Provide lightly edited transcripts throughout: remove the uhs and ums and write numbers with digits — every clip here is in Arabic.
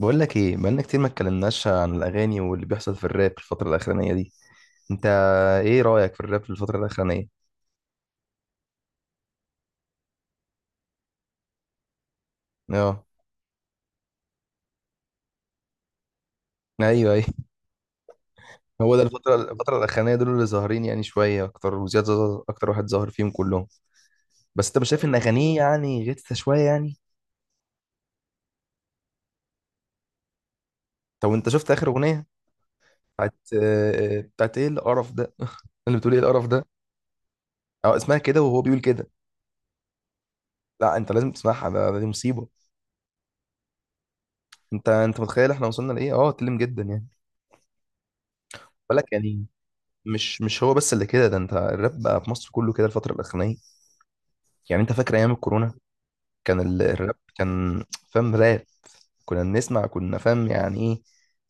بقول لك ايه، بقالنا كتير ما اتكلمناش عن الاغاني واللي بيحصل في الراب في الفتره الاخرانيه دي. انت ايه رايك في الراب في الفتره الاخرانيه؟ اه، ايوه ايوه. هو ده الفتره الاخرانيه دول اللي ظاهرين، يعني شويه اكتر، وزياد زازا اكتر واحد ظاهر فيهم كلهم. بس انت مش شايف ان اغانيه يعني غثه شويه يعني؟ طب انت شفت اخر اغنيه بتاعت ايه القرف ده؟ اللي بتقول ايه القرف ده. اه، اسمها كده وهو بيقول كده. لا، انت لازم تسمعها، دي مصيبه. انت متخيل احنا وصلنا لايه؟ اه اتكلم جدا يعني، بالك يعني. مش هو بس اللي كده ده، انت الراب بقى في مصر كله كده الفترة الأخرانية. يعني انت فاكر أيام الكورونا كان الراب كان فاهم راب، كنا فاهم يعني ايه.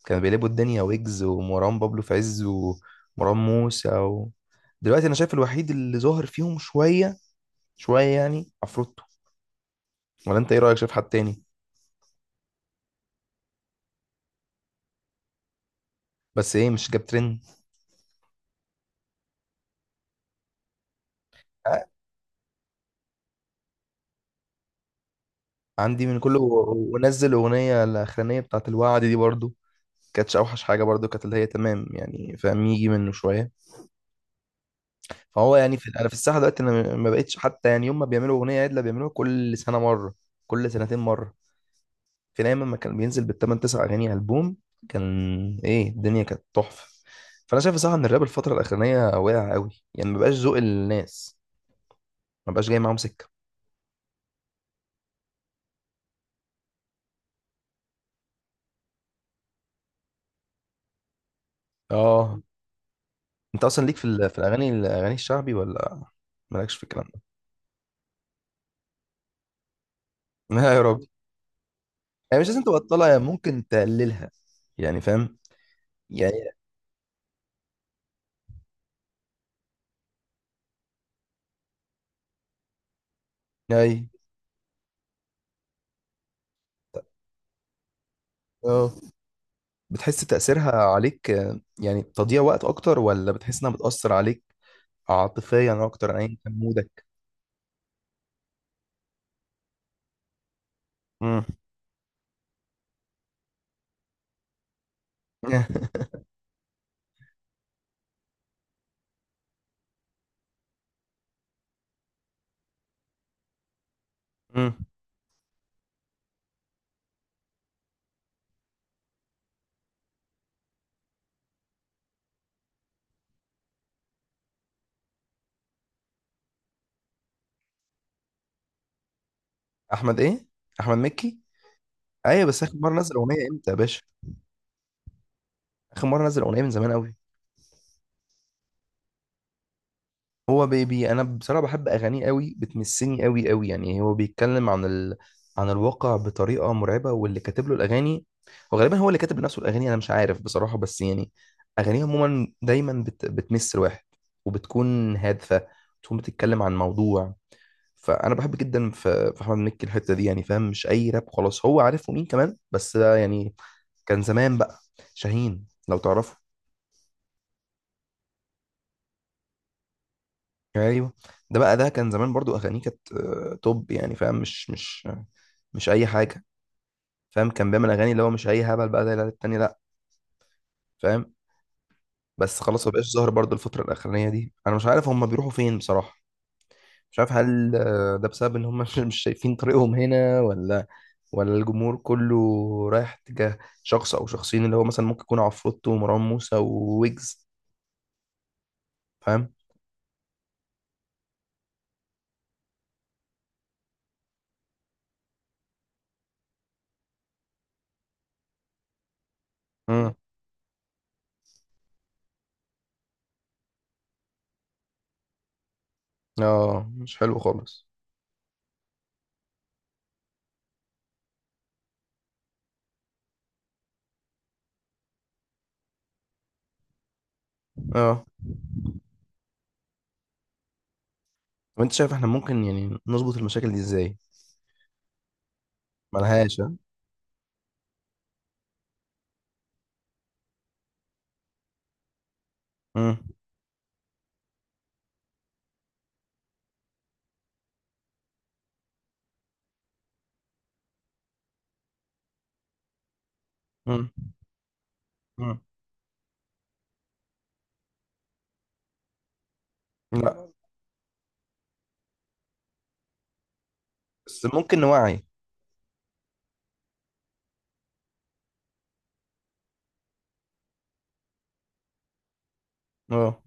كانوا بيقلبوا الدنيا، ويجز ومروان بابلو في عز ومروان موسى و... دلوقتي أنا شايف الوحيد اللي ظاهر فيهم شوية شوية يعني عفروتو. ولا انت ايه رأيك، شايف حد تاني؟ بس ايه، مش جاب ترند. اه، عندي من كله ونزل أغنية الأخرانية بتاعت الوعد دي برضو. كانتش أوحش حاجة، برضو كانت اللي هي تمام يعني، فاهم، يجي منه شوية. فهو يعني في انا في الساحه دلوقتي، انا ما بقتش حتى يعني يوم ما بيعملوا اغنيه عدله بيعملوها كل سنه مره، كل سنتين مره. كان ايام ما كان بينزل بالثمان تسع اغاني البوم. كان ايه، الدنيا كانت تحفه. فانا شايف صراحه ان الراب الفتره الاخرانيه واقع قوي، يعني ما بقاش ذوق الناس، ما بقاش جاي معاهم سكه. اه، انت اصلا ليك في في الاغاني الشعبي، ولا مالكش في الكلام ده؟ لا يا رب. يعني مش لازم تبطلها، يعني ممكن تقللها، يعني فاهم، يعني. اي اه. بتحس تأثيرها عليك يعني تضييع وقت أكتر، ولا بتحس إنها بتأثر عليك عاطفيا أكتر أيا كان مودك؟ مم. مم. أحمد إيه؟ أحمد مكي؟ أيوة، بس آخر مرة نزل أغنية إمتى يا باشا؟ آخر مرة نزل أغنية من زمان أوي. هو بيبي، انا بصراحه بحب اغانيه قوي، بتمسني قوي قوي يعني. هو بيتكلم عن عن الواقع بطريقه مرعبه، واللي كاتب له الاغاني، وغالبا هو اللي كاتب لنفسه الاغاني، انا مش عارف بصراحه، بس يعني اغانيه عموما دايما بتمس الواحد، وبتكون هادفه، بتكون بتتكلم عن موضوع. فانا بحب جدا في احمد مكي الحته دي، يعني فاهم، مش اي راب خلاص، هو عارفه مين، كمان بس ده يعني كان زمان بقى. شاهين، لو تعرفه. ايوه، ده كان زمان برضو، اغانيه كانت توب يعني، فاهم، مش اي حاجه، فاهم. كان بيعمل اغاني اللي هو مش اي هبل بقى زي العيال التاني، لا فاهم. بس خلاص ما بقاش ظاهر برضو الفتره الاخرانيه دي. انا مش عارف هم بيروحوا فين بصراحه، مش عارف، هل ده بسبب ان هم مش شايفين طريقهم هنا، ولا الجمهور كله رايح تجاه شخص او شخصين، اللي هو مثلا ممكن يكون عفروتو ومروان موسى وويجز، فاهم. امم. اه، مش حلو خالص. اه، وانت شايف احنا ممكن يعني نظبط المشاكل دي ازاي؟ ملهاش ها؟ مم. مم. مم. لا بس ممكن نوعي. اه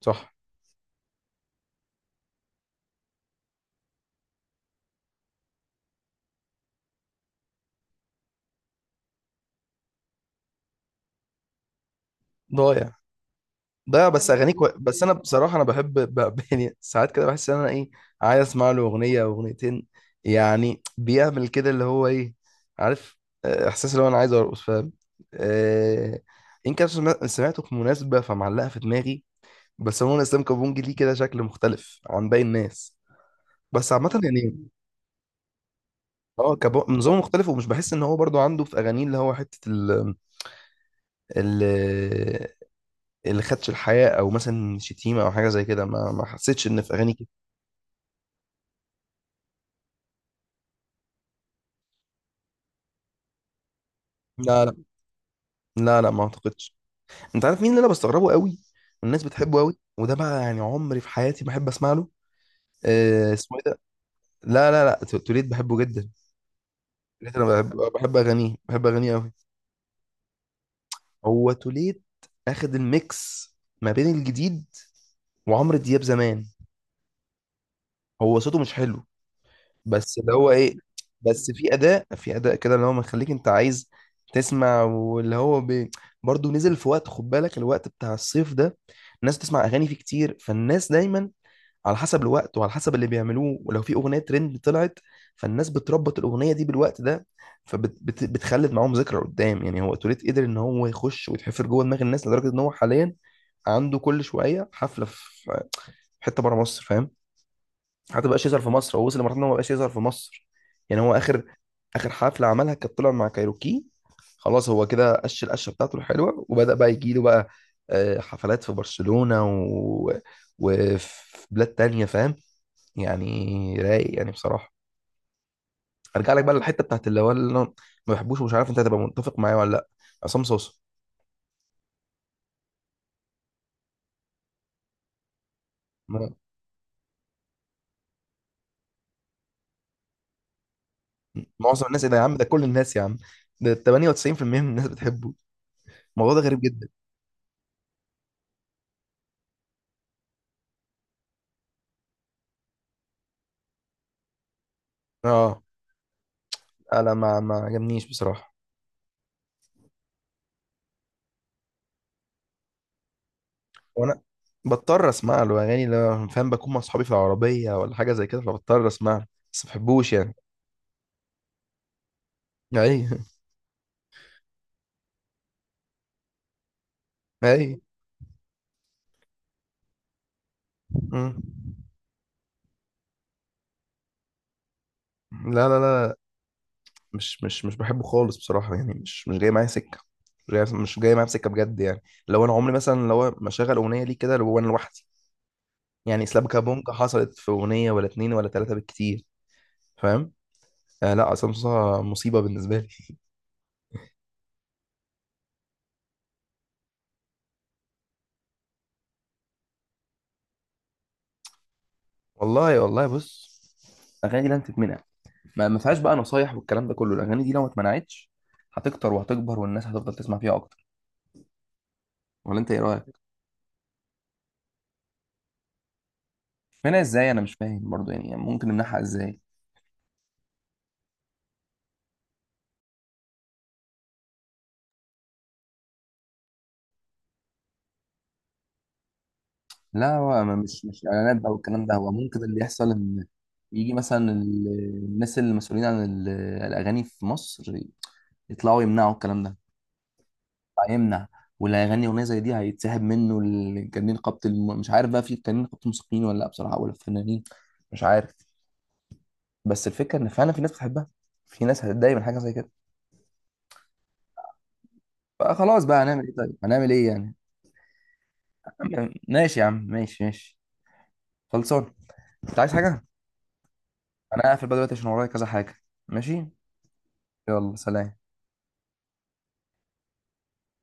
صح. ضايع. ضايع بس اغانيك و... بس انا بصراحه انا بحب ب... يعني ساعات كده بحس ان انا ايه، عايز اسمع له اغنيه او اغنيتين، يعني بيعمل كده اللي هو ايه، عارف، احساس اللي هو انا عايز ارقص، فاهم. آه... ان كان سمعته في مناسبه فمعلقه في دماغي. بس هو اسلام كابونجي ليه كده شكل مختلف عن باقي الناس، بس عامه يعني. اه، نظام مختلف، ومش بحس ان هو برضو عنده في اغانيه اللي هو حته ال اللي خدش الحياه، او مثلا شتيمه او حاجه زي كده، ما حسيتش ان في اغانيه كده. لا لا. لا لا، ما اعتقدش. انت عارف مين اللي انا بستغربه قوي، والناس بتحبه قوي وده بقى يعني عمري في حياتي ما احب اسمع له؟ اسمه ايه ده. لا لا لا، توليد بحبه جدا. توليد انا بحب اغانيه قوي. هو توليد اخد الميكس ما بين الجديد وعمرو دياب زمان. هو صوته مش حلو، بس اللي هو ايه، بس في اداء كده اللي هو مخليك انت عايز تسمع، واللي هو برضه نزل في وقت، خد بالك الوقت بتاع الصيف ده الناس بتسمع اغاني فيه كتير، فالناس دايما على حسب الوقت وعلى حسب اللي بيعملوه، ولو في اغنيه ترند طلعت فالناس بتربط الاغنيه دي بالوقت ده، فبتخلد معاهم ذكرى قدام. يعني هو توليت قدر ان هو يخش ويتحفر جوه دماغ الناس، لدرجه ان هو حاليا عنده كل شويه حفله في حته بره مصر، فاهم. حتى مبقاش يظهر في مصر، هو وصل لمرحله ان هو مبقاش يظهر في مصر. يعني هو اخر حفله عملها كانت طلع مع كايروكي، خلاص هو كده قش القشه بتاعته الحلوه وبدا بقى يجي له بقى حفلات في برشلونه وفي بلاد تانية، فاهم، يعني رايق يعني بصراحه. ارجع لك بقى للحته بتاعت اللي هو اللي أنا ما بحبوش، ومش عارف انت هتبقى متفق معايا ولا لا. عصام صوصه. م- معظم الناس، ايه ده يا عم، ده كل الناس يا عم. ده 98% من الناس بتحبه. الموضوع ده غريب جدا. اه لا، ما عجبنيش بصراحه. وانا بضطر اسمع له اغاني لما، فاهم، بكون مع صحابي في العربيه ولا حاجه زي كده، فبضطر اسمع له، بس ما بحبوش يعني. اي اي. مم. لا لا لا، مش بحبه خالص بصراحه، يعني مش جاي معايا سكه، مش جاي معايا بسكه بجد يعني. لو انا عمري مثلا، لو ما شغل اغنيه ليه كده لو انا لوحدي، يعني سلابكا بونكا حصلت في اغنيه ولا اتنين ولا تلاته بالكتير، فاهم. آه لا، عصام صاصا مصيبه بالنسبه لي. والله والله بص، اغاني لن تتمنع، ما فيهاش بقى نصايح والكلام ده كله، الاغاني دي لو ما اتمنعتش هتكتر وهتكبر والناس هتفضل تسمع فيها اكتر. ولا انت ايه رايك؟ منها ازاي، انا مش فاهم برضو، يعني ممكن نمنعها ازاي؟ لا هو مش اعلانات بقى والكلام ده، هو ممكن اللي يحصل ان يجي مثلا الناس المسؤولين عن الاغاني في مصر يطلعوا يمنعوا الكلام ده. هيمنع، واللي هيغني اغنيه زي دي هيتسحب منه الجنين قبط مش عارف بقى في الجنين قبط الموسيقيين ولا لا بصراحه، ولا الفنانين، مش عارف. بس الفكره ان فعلا في ناس بتحبها، في ناس هتتضايق من حاجه زي كده، فخلاص بقى هنعمل ايه؟ طيب هنعمل ايه يعني. ماشي يا عم، ماشي ماشي، خلصان. انت عايز حاجه؟ انا هقفل بقى دلوقتي عشان ورايا كذا حاجه. ماشي. يلا سلام.